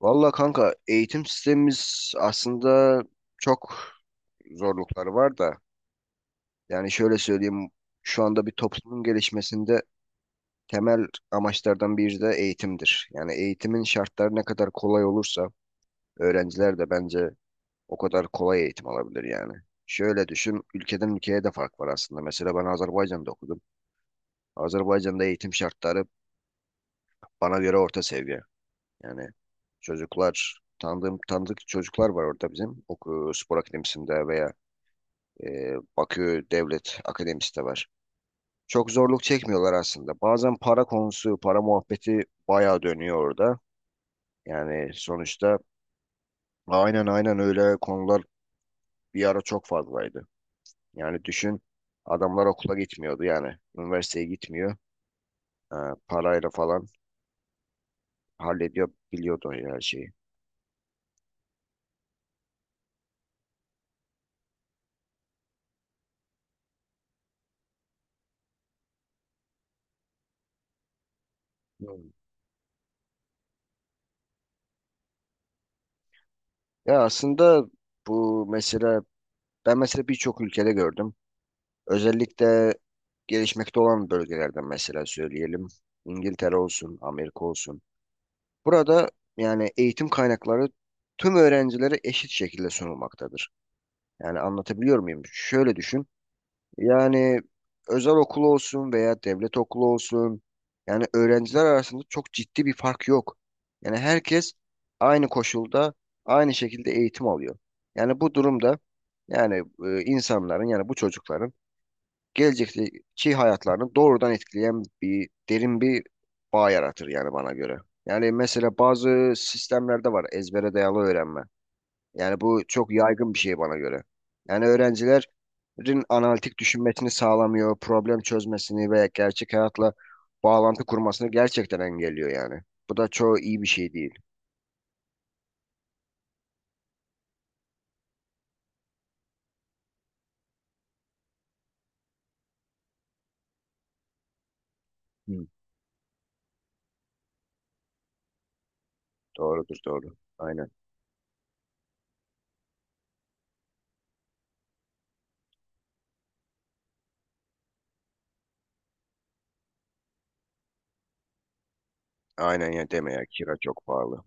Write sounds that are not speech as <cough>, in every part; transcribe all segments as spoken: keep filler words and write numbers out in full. Valla kanka eğitim sistemimiz aslında çok zorlukları var da yani şöyle söyleyeyim. Şu anda bir toplumun gelişmesinde temel amaçlardan biri de eğitimdir. Yani eğitimin şartları ne kadar kolay olursa öğrenciler de bence o kadar kolay eğitim alabilir yani. Şöyle düşün, ülkeden ülkeye de fark var aslında. Mesela ben Azerbaycan'da okudum. Azerbaycan'da eğitim şartları bana göre orta seviye. Yani çocuklar tanıdığım tanıdık çocuklar var orada bizim oku spor akademisinde veya e, Bakü Devlet Akademisi de var. Çok zorluk çekmiyorlar aslında. Bazen para konusu, para muhabbeti bayağı dönüyor orada. Yani sonuçta aynen aynen öyle konular bir ara çok fazlaydı. Yani düşün, adamlar okula gitmiyordu, yani üniversiteye gitmiyor. E, Parayla falan hallediyor, biliyordu her şeyi. Hmm. Ya aslında bu mesele, ben mesela birçok ülkede gördüm. Özellikle gelişmekte olan bölgelerden mesela söyleyelim. İngiltere olsun, Amerika olsun. Burada yani eğitim kaynakları tüm öğrencilere eşit şekilde sunulmaktadır. Yani anlatabiliyor muyum? Şöyle düşün. Yani özel okul olsun veya devlet okulu olsun. Yani öğrenciler arasında çok ciddi bir fark yok. Yani herkes aynı koşulda, aynı şekilde eğitim alıyor. Yani bu durumda yani e, insanların, yani bu çocukların gelecekteki hayatlarını doğrudan etkileyen bir derin bir bağ yaratır yani bana göre. Yani mesela bazı sistemlerde var, ezbere dayalı öğrenme. Yani bu çok yaygın bir şey bana göre. Yani öğrencilerin analitik düşünmesini sağlamıyor, problem çözmesini veya gerçek hayatla bağlantı kurmasını gerçekten engelliyor yani. Bu da çoğu iyi bir şey değil. Hı, doğrudur doğru. Aynen. Aynen ya, deme ya, kira çok pahalı.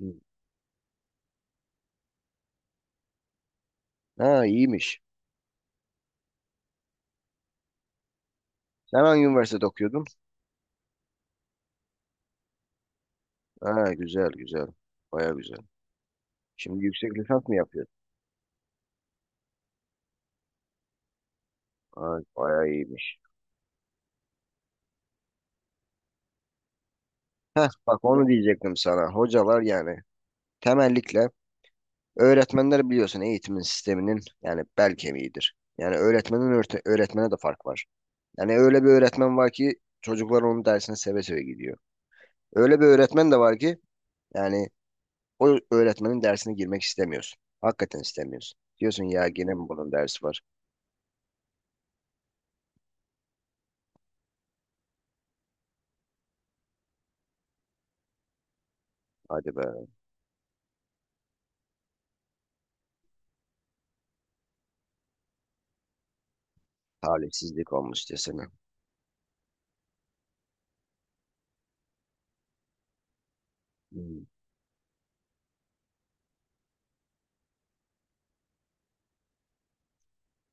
Hı. Ha, iyiymiş. Sen hangi üniversitede okuyordun? Ha, güzel güzel. Baya güzel. Şimdi yüksek lisans mı yapıyorsun? Ha, baya iyiymiş. Heh, bak onu diyecektim sana. Hocalar yani temellikle öğretmenler biliyorsun eğitimin sisteminin yani bel kemiğidir. Yani öğretmenin örte- öğretmene de fark var. Yani öyle bir öğretmen var ki çocuklar onun dersine seve seve gidiyor. Öyle bir öğretmen de var ki yani o öğretmenin dersine girmek istemiyorsun. Hakikaten istemiyorsun. Diyorsun ya, gene mi bunun dersi var? Hadi be, talihsizlik olmuş desene. Hmm.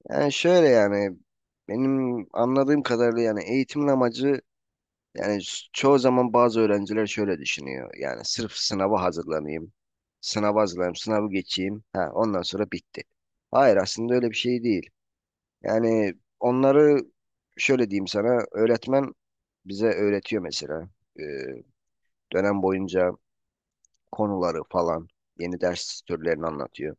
Yani şöyle yani benim anladığım kadarıyla yani eğitimin amacı yani, s- çoğu zaman bazı öğrenciler şöyle düşünüyor. Yani sırf sınava hazırlanayım. Sınava hazırlanayım, sınavı geçeyim. Ha, ondan sonra bitti. Hayır, aslında öyle bir şey değil. Yani onları, şöyle diyeyim sana, öğretmen bize öğretiyor mesela. Ee, Dönem boyunca konuları falan yeni ders türlerini anlatıyor.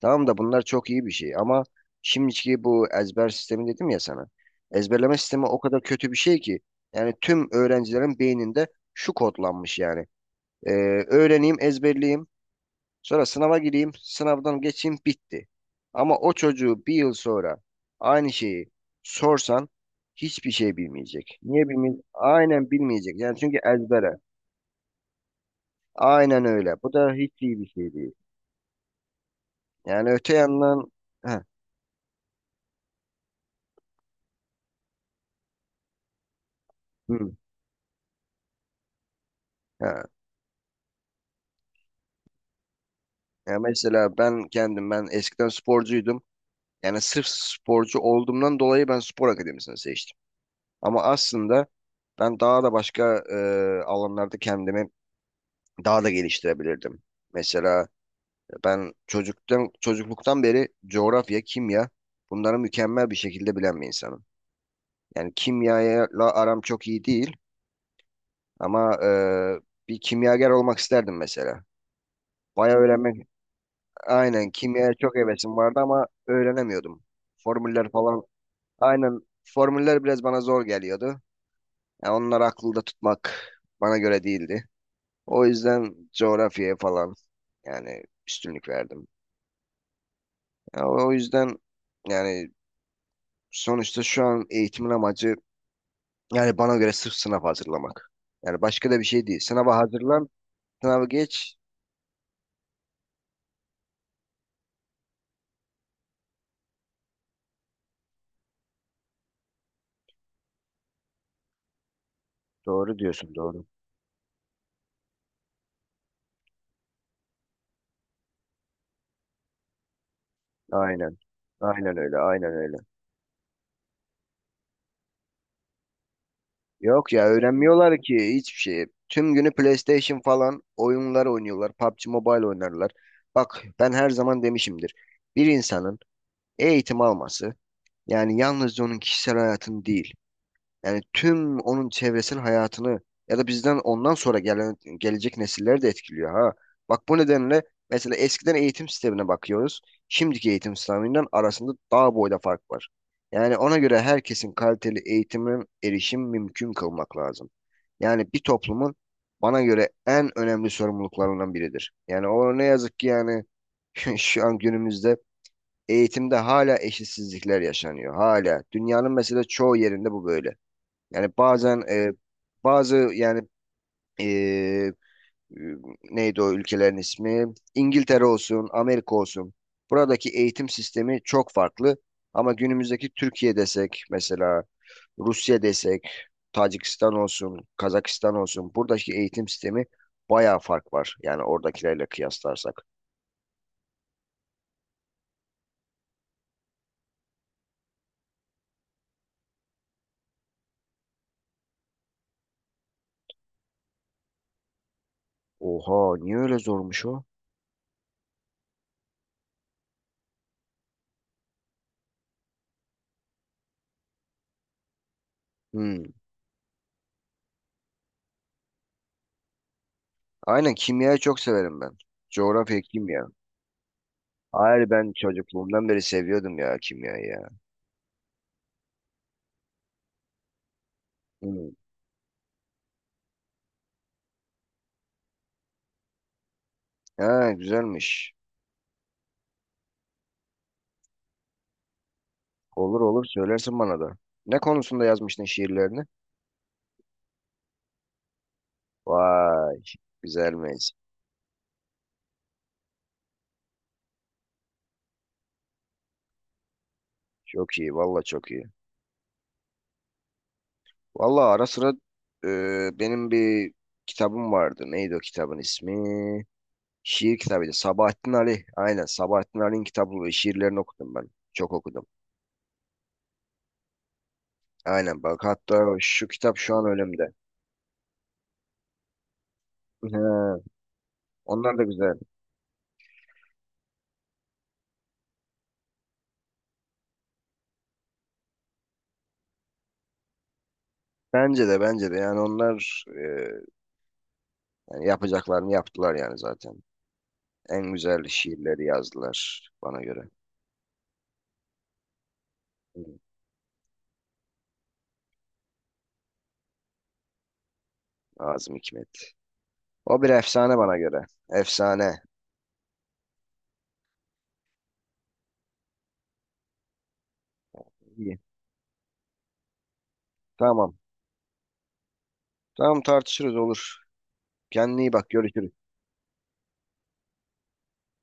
Tamam da bunlar çok iyi bir şey ama şimdiki bu ezber sistemi dedim ya sana. Ezberleme sistemi o kadar kötü bir şey ki yani tüm öğrencilerin beyninde şu kodlanmış yani. Ee, Öğreneyim, ezberleyeyim, sonra sınava gireyim, sınavdan geçeyim, bitti. Ama o çocuğu bir yıl sonra aynı şeyi sorsan hiçbir şey bilmeyecek. Niye bilmeyecek? Aynen bilmeyecek. Yani çünkü ezbere. Aynen öyle. Bu da hiç iyi bir şey değil. Yani öte yandan heh, hı, heh. Ya mesela ben kendim, ben eskiden sporcuydum. Yani sırf sporcu olduğumdan dolayı ben spor akademisini seçtim. Ama aslında ben daha da başka e, alanlarda kendimi daha da geliştirebilirdim. Mesela ben çocuktan çocukluktan beri coğrafya, kimya, bunları mükemmel bir şekilde bilen bir insanım. Yani kimyayla aram çok iyi değil ama e, bir kimyager olmak isterdim mesela. Bayağı öğrenmek. Aynen, kimyaya çok hevesim vardı ama öğrenemiyordum. Formüller falan. Aynen, formüller biraz bana zor geliyordu. Yani onları aklımda tutmak bana göre değildi. O yüzden coğrafyaya falan yani üstünlük verdim. Ya o yüzden yani sonuçta şu an eğitimin amacı yani bana göre sırf sınav hazırlamak. Yani başka da bir şey değil. Sınava hazırlan, sınavı geç. Doğru diyorsun, doğru. Aynen. Aynen öyle, aynen öyle. Yok ya, öğrenmiyorlar ki hiçbir şey. Tüm günü PlayStation falan oyunlar oynuyorlar. PUBG Mobile oynarlar. Bak, ben her zaman demişimdir. Bir insanın eğitim alması yani yalnızca onun kişisel hayatını değil, yani tüm onun çevresinin hayatını ya da bizden ondan sonra gelen gelecek nesilleri de etkiliyor ha. Bak, bu nedenle mesela eskiden eğitim sistemine bakıyoruz. Şimdiki eğitim sisteminden arasında dağ boyda fark var. Yani ona göre herkesin kaliteli eğitime erişim mümkün kılmak lazım. Yani bir toplumun bana göre en önemli sorumluluklarından biridir. Yani o ne yazık ki yani <laughs> şu an günümüzde eğitimde hala eşitsizlikler yaşanıyor. Hala. Dünyanın mesela çoğu yerinde bu böyle. Yani bazen e, bazı yani e, e, neydi o ülkelerin ismi? İngiltere olsun, Amerika olsun. Buradaki eğitim sistemi çok farklı. Ama günümüzdeki Türkiye desek mesela, Rusya desek, Tacikistan olsun, Kazakistan olsun. Buradaki eğitim sistemi bayağı fark var. Yani oradakilerle kıyaslarsak. Oha, niye öyle zormuş o? Hmm. Aynen, kimyayı çok severim ben. Coğrafya, kimya. Hayır, ben çocukluğumdan beri seviyordum ya kimyayı ya. Hmm. Ha, güzelmiş. Olur olur, söylersin bana da. Ne konusunda yazmıştın şiirlerini? Vay, güzelmiş. Çok iyi, valla çok iyi. Valla ara sıra e, benim bir kitabım vardı. Neydi o kitabın ismi? Şiir kitabıydı. Sabahattin Ali. Aynen, Sabahattin Ali'nin kitabı ve şiirlerini okudum ben. Çok okudum. Aynen, bak hatta şu kitap şu an önümde. He, onlar da güzel. Bence de, bence de yani onlar e, yani yapacaklarını yaptılar yani zaten. En güzel şiirleri yazdılar bana göre. Nazım Hikmet. O bir efsane bana göre. Efsane. İyi. Tamam. Tamam, tartışırız olur. Kendine iyi bak. Görüşürüz.